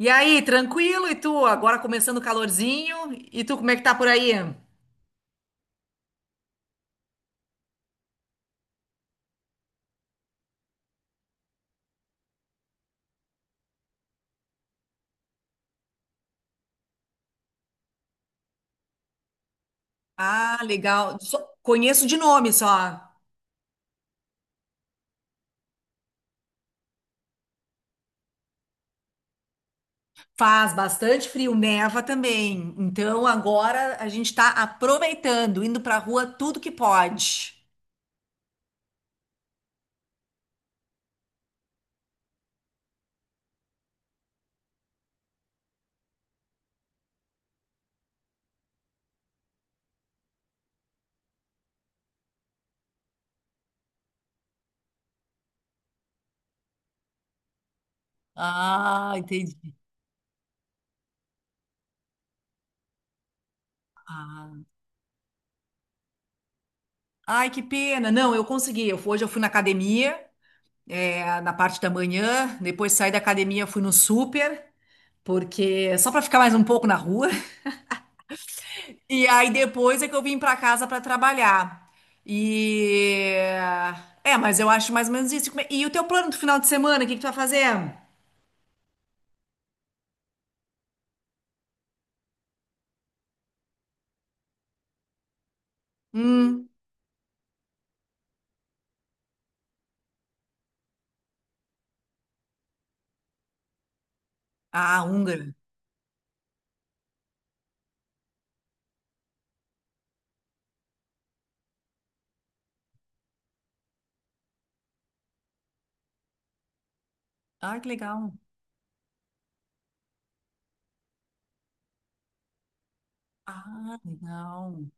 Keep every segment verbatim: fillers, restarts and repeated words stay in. E aí, tranquilo? E tu? Agora começando o calorzinho. E tu, como é que tá por aí? Ah, legal. Só- conheço de nome só. Faz bastante frio, neva também. Então agora a gente está aproveitando, indo para a rua tudo que pode. Ah, entendi. Ah. Ai, que pena. Não, eu consegui. Eu, fui- hoje eu fui na academia, é, na parte da manhã. Depois saí da academia, fui no super, porque só para ficar mais um pouco na rua. E aí depois é que eu vim pra casa pra trabalhar. E é, mas eu acho mais ou menos isso. E como é- e o teu plano do final de semana, o que que tu vai fazer? Hum. Ah, húngara. Ah, que legal. Ah, legal.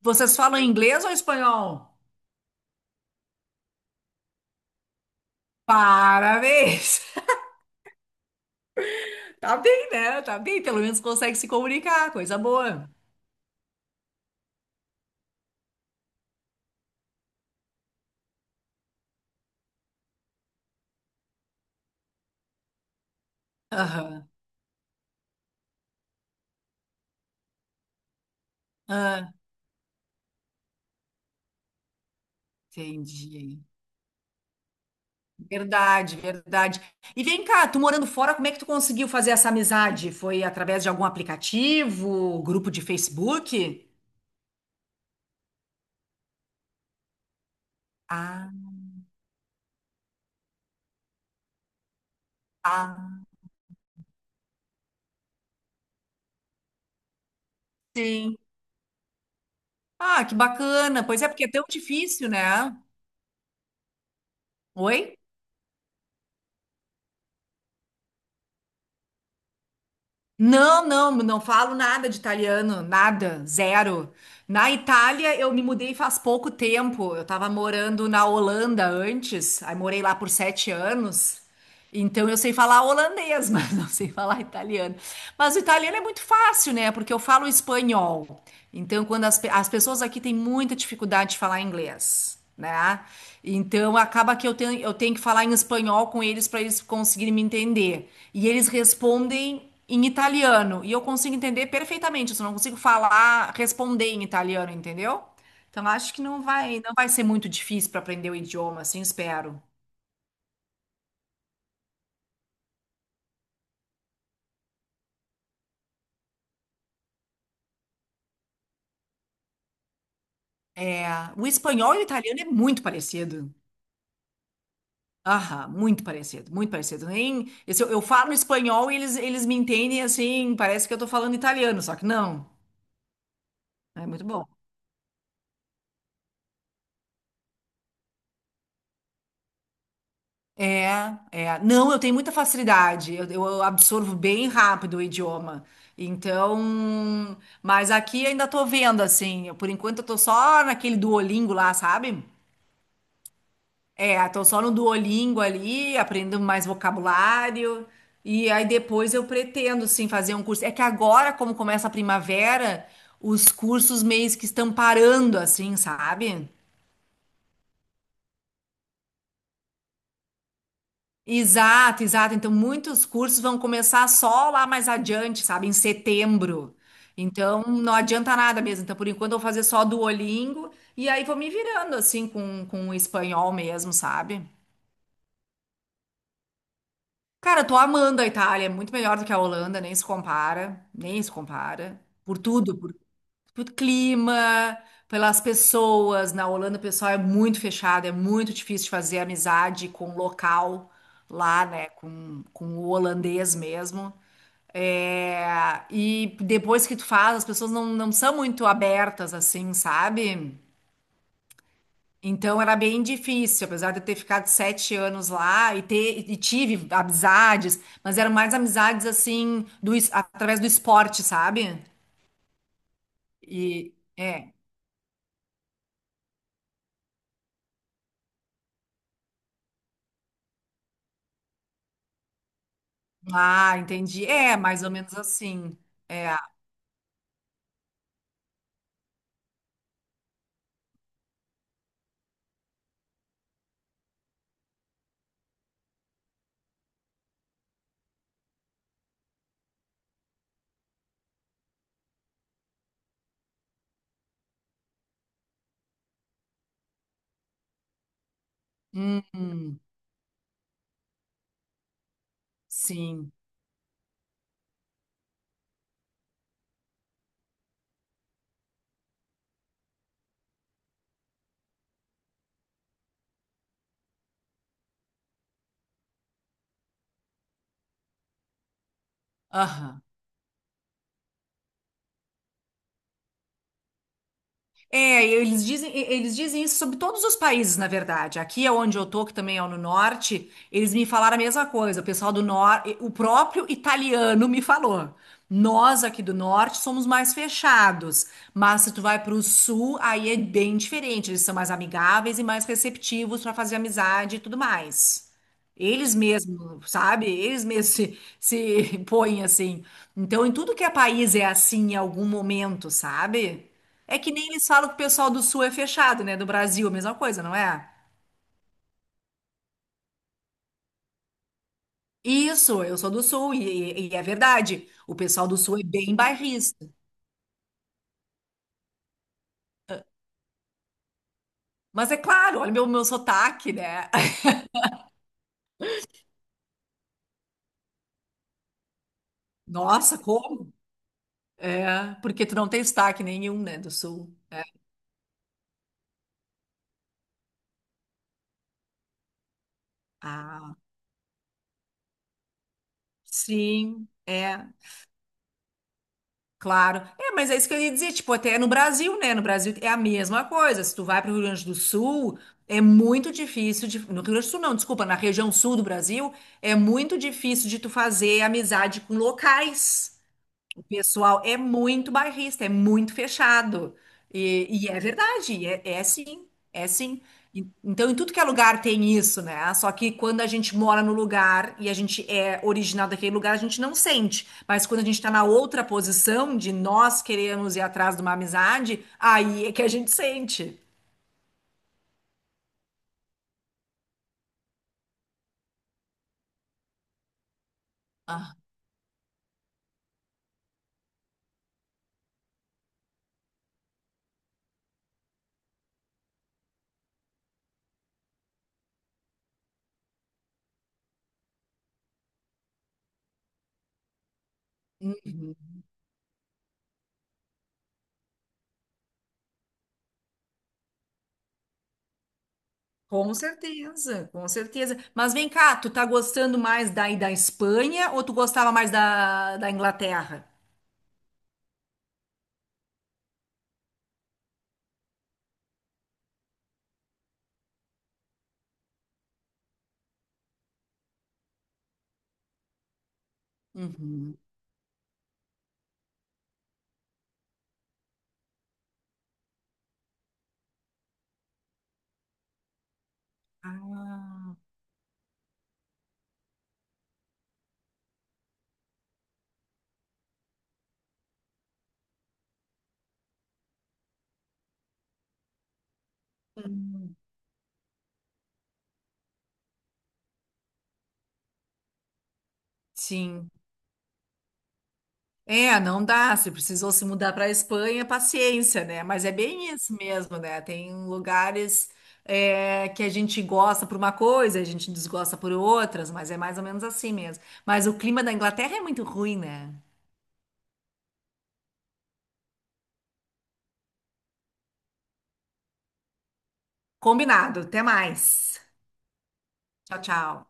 Vocês falam inglês ou espanhol? Parabéns. Tá bem, né? Tá bem, pelo menos consegue se comunicar, coisa boa. Aham. Ah, entendi. Verdade, verdade. E vem cá, tu morando fora, como é que tu conseguiu fazer essa amizade? Foi através de algum aplicativo, grupo de Facebook? Ah, ah, sim. Ah, que bacana. Pois é, porque é tão difícil, né? Oi? Não, não, não falo nada de italiano, nada, zero. Na Itália, eu me mudei faz pouco tempo. Eu estava morando na Holanda antes, aí morei lá por sete anos. Então eu sei falar holandês, mas não sei falar italiano. Mas o italiano é muito fácil, né? Porque eu falo espanhol. Então, quando as, pe- as pessoas aqui têm muita dificuldade de falar inglês, né? Então acaba que eu tenho, eu tenho que falar em espanhol com eles para eles conseguirem me entender. E eles respondem em italiano. E eu consigo entender perfeitamente, eu só não consigo falar, responder em italiano, entendeu? Então acho que não vai, não vai ser muito difícil para aprender o idioma, assim, espero. É, o espanhol e o italiano é muito parecido. Aham, muito parecido, muito parecido. Nem, esse- eu, eu falo espanhol e eles, eles me entendem assim, parece que eu tô falando italiano, só que não. É muito bom. É, é. Não, eu tenho muita facilidade, eu, eu absorvo bem rápido o idioma. Então, mas aqui ainda tô vendo, assim, por enquanto eu tô só naquele Duolingo lá, sabe? É, tô só no Duolingo ali, aprendendo mais vocabulário. E aí depois eu pretendo, sim, fazer um curso. É que agora, como começa a primavera, os cursos meio que estão parando, assim, sabe? Exato, exato. Então, muitos cursos vão começar só lá mais adiante, sabe? Em setembro. Então, não adianta nada mesmo. Então, por enquanto, eu vou fazer só Duolingo e aí vou me virando, assim, com, com o espanhol mesmo, sabe? Cara, eu tô amando a Itália, é muito melhor do que a Holanda, nem se compara, nem se compara. Por tudo, por, por clima, pelas pessoas. Na Holanda o pessoal é muito fechado, é muito difícil de fazer amizade com o local lá, né? Com, com o holandês mesmo. É, e depois que tu faz, as pessoas não, não são muito abertas, assim, sabe? Então era bem difícil, apesar de eu ter ficado sete anos lá e ter e tive amizades, mas eram mais amizades assim do, es- através do esporte, sabe? E é, ah, entendi. É mais ou menos assim. É, hum, sim, aham. É, eles dizem, eles dizem isso sobre todos os países, na verdade. Aqui é onde eu tô, que também é no norte, eles me falaram a mesma coisa. O pessoal do norte, o próprio italiano me falou. Nós aqui do norte somos mais fechados, mas se tu vai para o sul, aí é bem diferente. Eles são mais amigáveis e mais receptivos para fazer amizade e tudo mais. Eles mesmos, sabe? Eles mesmos se, se põem assim. Então, em tudo que é país é assim em algum momento, sabe? É que nem eles falam que o pessoal do Sul é fechado, né? Do Brasil, a mesma coisa, não é? Isso, eu sou do Sul, e, e- é verdade. O pessoal do Sul é bem bairrista. Mas é claro, olha meu, meu sotaque, né? Nossa, como? É, porque tu não tem sotaque nenhum, né, do Sul. Ah, sim, é. Claro. É, mas é isso que eu ia dizer, tipo, até no Brasil, né? No Brasil é a mesma coisa. Se tu vai para o Rio Grande do Sul, é muito difícil de... No Rio Grande do Sul, não, desculpa, na região sul do Brasil, é muito difícil de tu fazer amizade com locais. O pessoal é muito bairrista, é muito fechado. E, e é verdade, é, é sim, é sim. E- Então, em tudo que é lugar tem isso, né? Só que quando a gente mora no lugar e a gente é original daquele lugar, a gente não sente. Mas quando a gente tá na outra posição de nós queremos ir atrás de uma amizade, aí é que a gente sente. Com certeza, com certeza. Mas vem cá, tu tá gostando mais daí da Espanha ou tu gostava mais da, da Inglaterra? Uhum. Ah. Sim. É, não dá. Se precisou se mudar para a Espanha, paciência, né? Mas é bem isso mesmo, né? Tem lugares é, que a gente gosta por uma coisa, a gente desgosta por outras, mas é mais ou menos assim mesmo. Mas o clima da Inglaterra é muito ruim, né? Combinado. Até mais. Tchau, tchau.